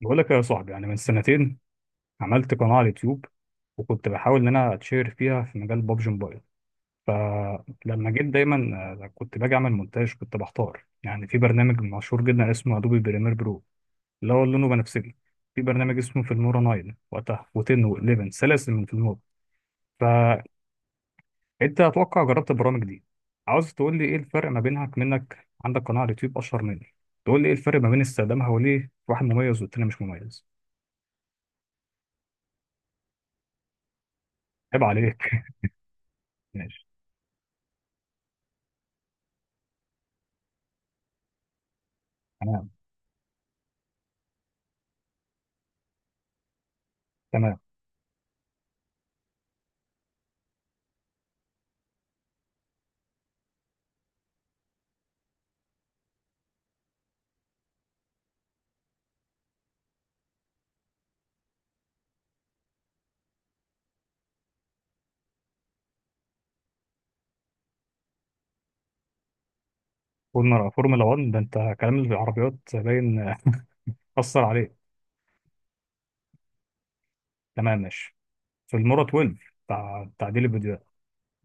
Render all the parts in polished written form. بقول لك يا صاحبي يعني من سنتين عملت قناة على اليوتيوب، وكنت بحاول إن أنا أتشهر فيها في مجال بابجي موبايل. فلما جيت دايما كنت باجي أعمل مونتاج، كنت بحتار يعني في برنامج مشهور جدا اسمه أدوبي بريمير برو، اللي هو لونه بنفسجي. في برنامج اسمه فيلمورا 9 وقتها و10 و11، سلاسل من فيلمورا. فأنت أتوقع جربت البرامج دي، عاوز تقول لي إيه الفرق ما بينها؟ منك، عندك قناة على اليوتيوب أشهر مني، تقول لي إيه الفرق ما بين استخدامها، وليه واحد مميز والتاني مش مميز؟ عيب عليك. ماشي. تمام. فورمولا 1 ده، انت كلام العربيات باين اثر عليه. تمام ماشي. في المورا 12 بتاع تعديل الفيديوهات.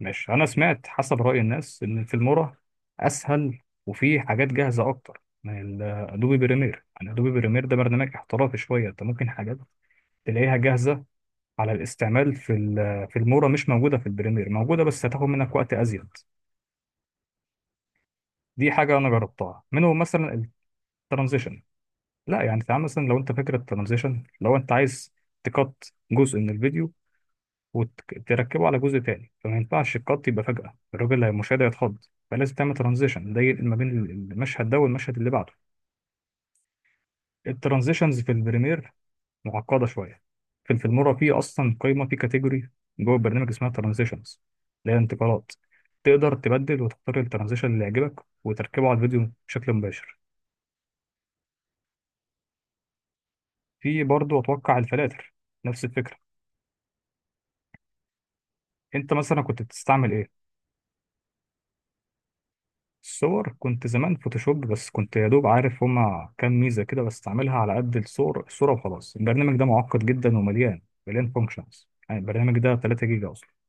ماشي، انا سمعت حسب راي الناس ان في المورا اسهل، وفي حاجات جاهزه اكتر من الادوبي بريمير. يعني ادوبي بريمير ده برنامج احترافي شويه، انت ممكن حاجات تلاقيها جاهزه على الاستعمال في في المورا مش موجوده، في البريمير موجوده بس هتاخد منك وقت ازيد. دي حاجه انا جربتها منهم مثلا، الترانزيشن. لا يعني تعال مثلا، لو انت فاكر الترانزيشن، لو انت عايز تقط جزء من الفيديو وتركبه على جزء تاني، فما ينفعش القط يبقى فجأة، الراجل اللي هيمشاهد هيتخض، فلازم تعمل ترانزيشن ده ينقل ما بين المشهد ده والمشهد اللي بعده. الترانزيشنز في البريمير معقدة شوية. في الفيلمورا في أصلا قائمة، في كاتيجوري جوه البرنامج اسمها ترانزيشنز، اللي هي انتقالات. تقدر تبدل وتختار الترانزيشن اللي يعجبك وتركبه على الفيديو بشكل مباشر. في برضه أتوقع الفلاتر، نفس الفكرة. انت مثلا كنت بتستعمل ايه؟ الصور كنت زمان فوتوشوب، بس كنت يا دوب عارف هما كام ميزة كده بستعملها على قد الصور الصورة، وخلاص. البرنامج ده معقد جدا ومليان مليان فانكشنز، يعني البرنامج ده 3 جيجا أصلا.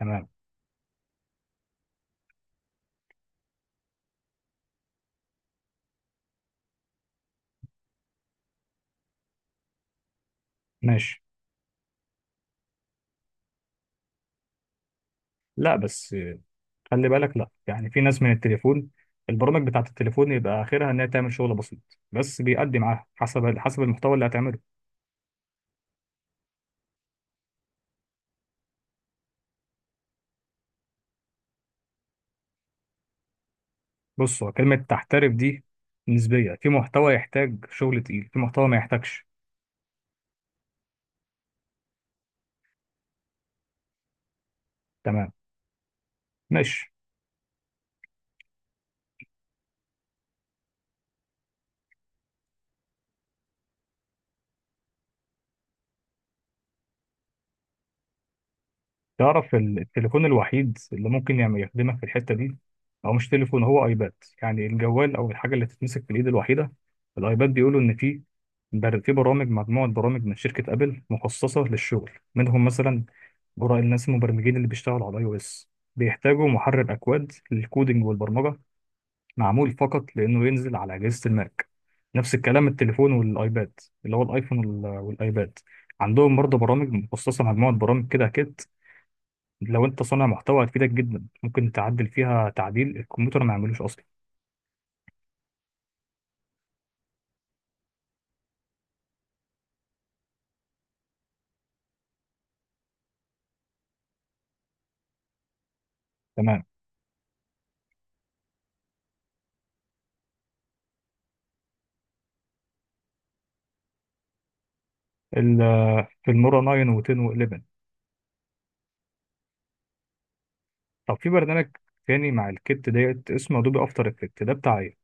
تمام ماشي. لا بس خلي بالك، لا يعني في ناس من التليفون، البرامج بتاعة التليفون يبقى آخرها إنها تعمل شغل بسيط، بس بيأدي معاها حسب المحتوى اللي هتعمله. بص، هو كلمة تحترف دي نسبية، في محتوى يحتاج شغل تقيل، في محتوى ما يحتاجش. تمام ماشي. تعرف التليفون الوحيد اللي ممكن يعمل يخدمك في الحتة دي هو مش تليفون، هو ايباد. يعني الجوال او الحاجة اللي تتمسك في الايد الوحيدة الايباد، بيقولوا ان في في برامج، مجموعة برامج من شركة ابل مخصصة للشغل، منهم مثلا براء الناس المبرمجين اللي بيشتغلوا على اي او اس، بيحتاجوا محرر اكواد للكودينج والبرمجة معمول فقط، لانه ينزل على اجهزة الماك. نفس الكلام التليفون والايباد، اللي هو الايفون والايباد، عندهم برضه برامج مخصصة، مجموعة برامج كده لو انت صانع محتوى هتفيدك جدا، ممكن تعدل فيها تعديل الكمبيوتر ما يعملوش اصلا. تمام. ال- في المورا 9 و10 و11. طب في برنامج تاني مع الكت ديت اسمه ادوبي افتر افكت، ده بتاع ايه؟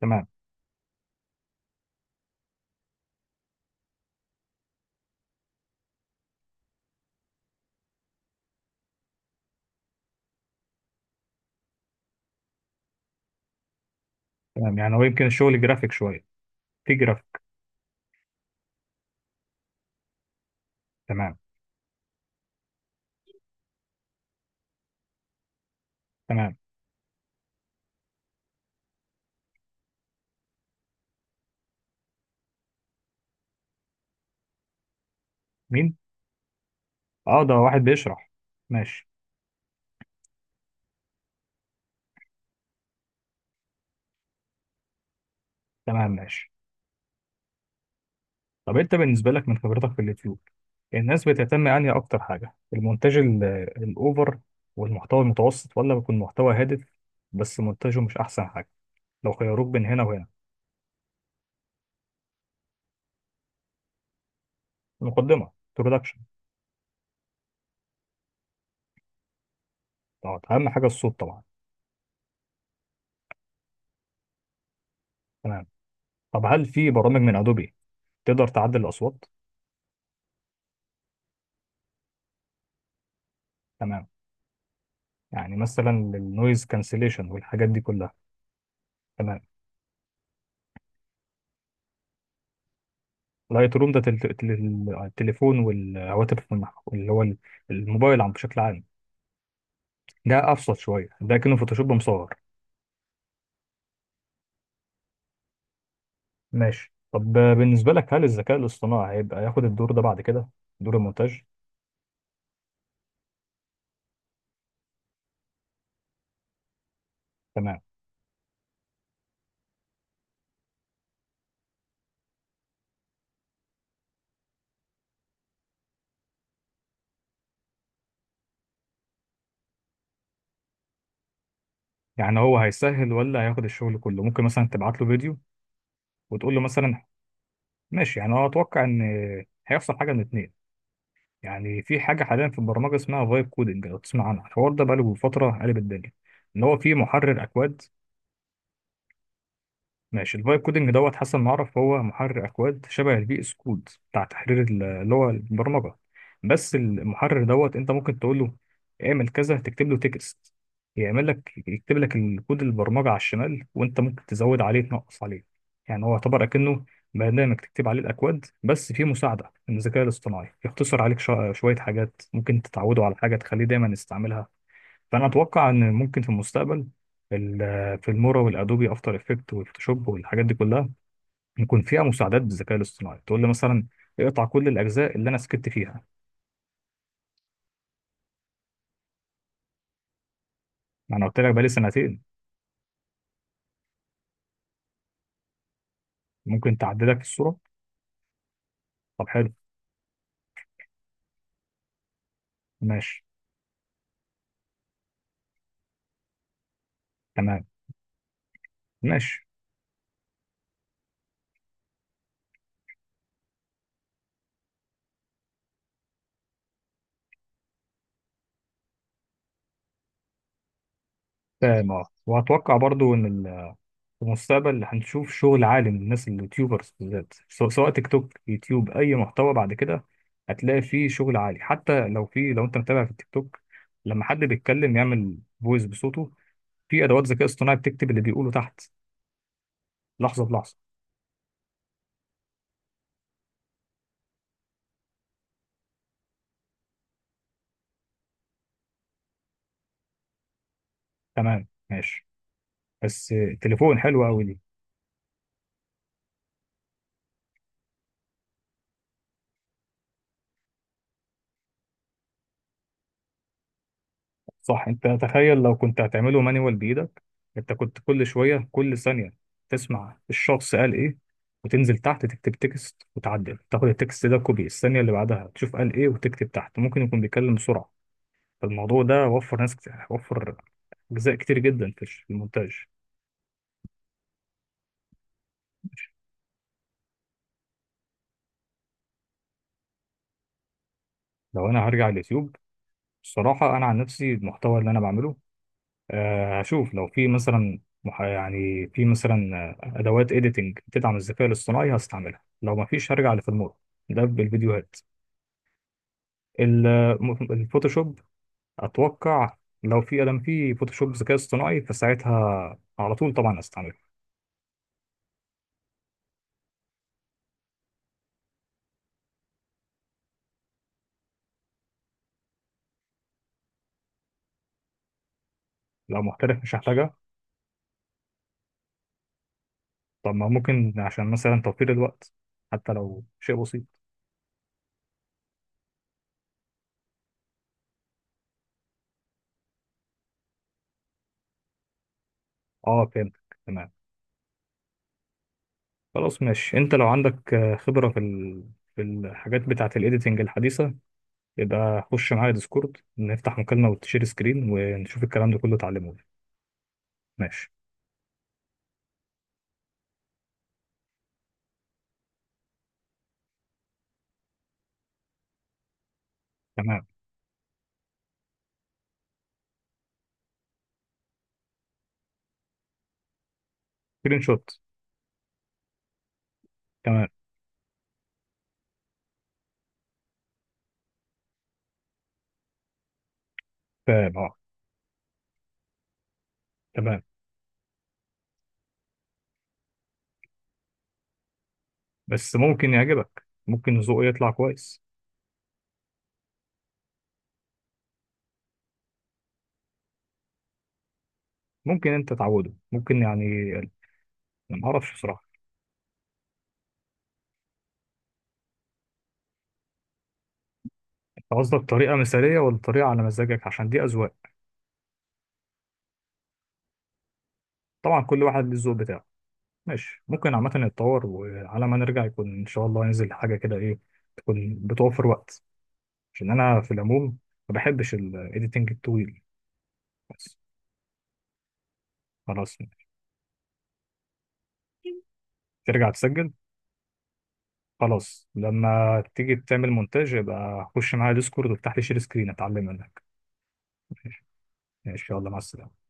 تمام. تمام، يعني هو يمكن الشغل جرافيك شويه، في جرافيك. تمام. تمام. مين؟ اه ده واحد بيشرح. ماشي. تمام ماشي. طب انت بالنسبه لك من خبرتك في اليوتيوب، الناس بتهتم انهي اكتر حاجه؟ المونتاج الاوفر والمحتوى المتوسط، ولا بيكون محتوى هادف بس مونتاجه مش احسن حاجه؟ لو خيروك بين هنا وهنا؟ المقدمه، introduction. طبعا اهم حاجه الصوت طبعا. تمام. طب هل في برامج من ادوبي تقدر تعدل الاصوات؟ تمام. يعني مثلا للنويز كانسليشن والحاجات دي كلها. تمام. لايت روم ده التليفون والهواتف اللي هو الموبايل عم بشكل عام. ده ابسط شويه، ده كأنه فوتوشوب مصور. ماشي. طب بالنسبه لك، هل الذكاء الاصطناعي هيبقى ياخد الدور ده بعد كده؟ دور المونتاج. تمام. يعني هو هيسهل ولا هياخد الشغل كله؟ ممكن مثلا تبعت له فيديو وتقول له مثلا. ماشي يعني هو، اتوقع ان هيحصل حاجه من اتنين. يعني في حاجه حاليا في البرمجه اسمها فايب كودنج، لو تسمع عنها الحوار ده بقاله فتره قلب الدنيا. ان هو في محرر اكواد. ماشي. الفايب كودنج دوت حسن ما اعرف، هو محرر اكواد شبه الفي اس كود بتاع تحرير اللي هو البرمجه، بس المحرر دوت انت ممكن تقول له اعمل كذا، تكتب له تكست، يعمل لك يكتب لك الكود البرمجه على الشمال، وانت ممكن تزود عليه تنقص عليه. يعني هو يعتبر اكنه برنامج تكتب عليه الاكواد، بس فيه مساعده من الذكاء الاصطناعي يختصر عليك شويه حاجات، ممكن تتعوده على حاجه تخليه دايما يستعملها. فانا اتوقع ان ممكن في المستقبل في المورا والادوبي افتر افكت والفوتوشوب والحاجات دي كلها، يكون فيها مساعدات بالذكاء الاصطناعي تقول لي مثلا، اقطع كل الاجزاء اللي انا سكت فيها. ما انا قلت لك بقالي سنتين. ممكن تعدلك الصوره. طب حلو. ماشي تمام. ماشي تمام. اه واتوقع برضو ان في المستقبل هنشوف شغل عالي من الناس، اليوتيوبرز بالذات، سواء تيك توك يوتيوب اي محتوى، بعد كده هتلاقي فيه شغل عالي. حتى لو في، لو انت متابع في التيك توك، لما حد بيتكلم يعمل فويس بصوته، في ادوات ذكاء اصطناعي بتكتب اللي بيقوله تحت لحظه بلحظه. تمام ماشي. بس التليفون حلو قوي دي. صح، انت تخيل لو كنت هتعمله مانيوال بايدك. انت كنت كل شويه كل ثانيه تسمع الشخص قال ايه، وتنزل تحت تكتب تكست وتعدل، تاخد التكست ده كوبي، الثانيه اللي بعدها تشوف قال ايه وتكتب تحت، ممكن يكون بيتكلم بسرعه. فالموضوع ده وفر ناس كتير، وفر اجزاء كتير جدا في في المونتاج. لو انا هرجع اليوتيوب، الصراحه انا عن نفسي المحتوى اللي انا بعمله، هشوف لو في مثلا يعني في مثلا ادوات اديتنج تدعم الذكاء الاصطناعي هستعملها، لو ما فيش هرجع لفيلمور. ده بالفيديوهات. الفوتوشوب اتوقع، لو في ادم فيه فوتوشوب ذكاء اصطناعي فساعتها على طول طبعا هستعمله. لو محترف مش هحتاجها. طب ما ممكن عشان مثلا توفير الوقت، حتى لو شيء بسيط. اه فهمت. تمام. خلاص ماشي. انت لو عندك خبرة في في الحاجات بتاعة الايديتنج الحديثة، يبقى خش معايا ديسكورد نفتح مكالمة وتشير سكرين، ونشوف الكلام ده كله اتعلمه لي. ماشي. تمام. سكرين شوت. تمام. فاهم اه. تمام. بس ممكن يعجبك، ممكن ذوقه يطلع كويس. ممكن انت تعوده ممكن يعني. ما اعرفش بصراحة. انت قصدك طريقة مثالية ولا طريقة على مزاجك؟ عشان دي اذواق. طبعا كل واحد ليه الذوق بتاعه. ماشي، ممكن عامة يتطور، وعلى ما نرجع يكون ان شاء الله ينزل حاجة كده ايه، تكون بتوفر وقت. عشان انا في العموم ما بحبش الايديتنج الطويل بس. خلاص. ترجع تسجل. خلاص، لما تيجي تعمل مونتاج يبقى خش معايا ديسكورد وافتح لي شير سكرين اتعلم منك. ان شاء الله مع السلامه.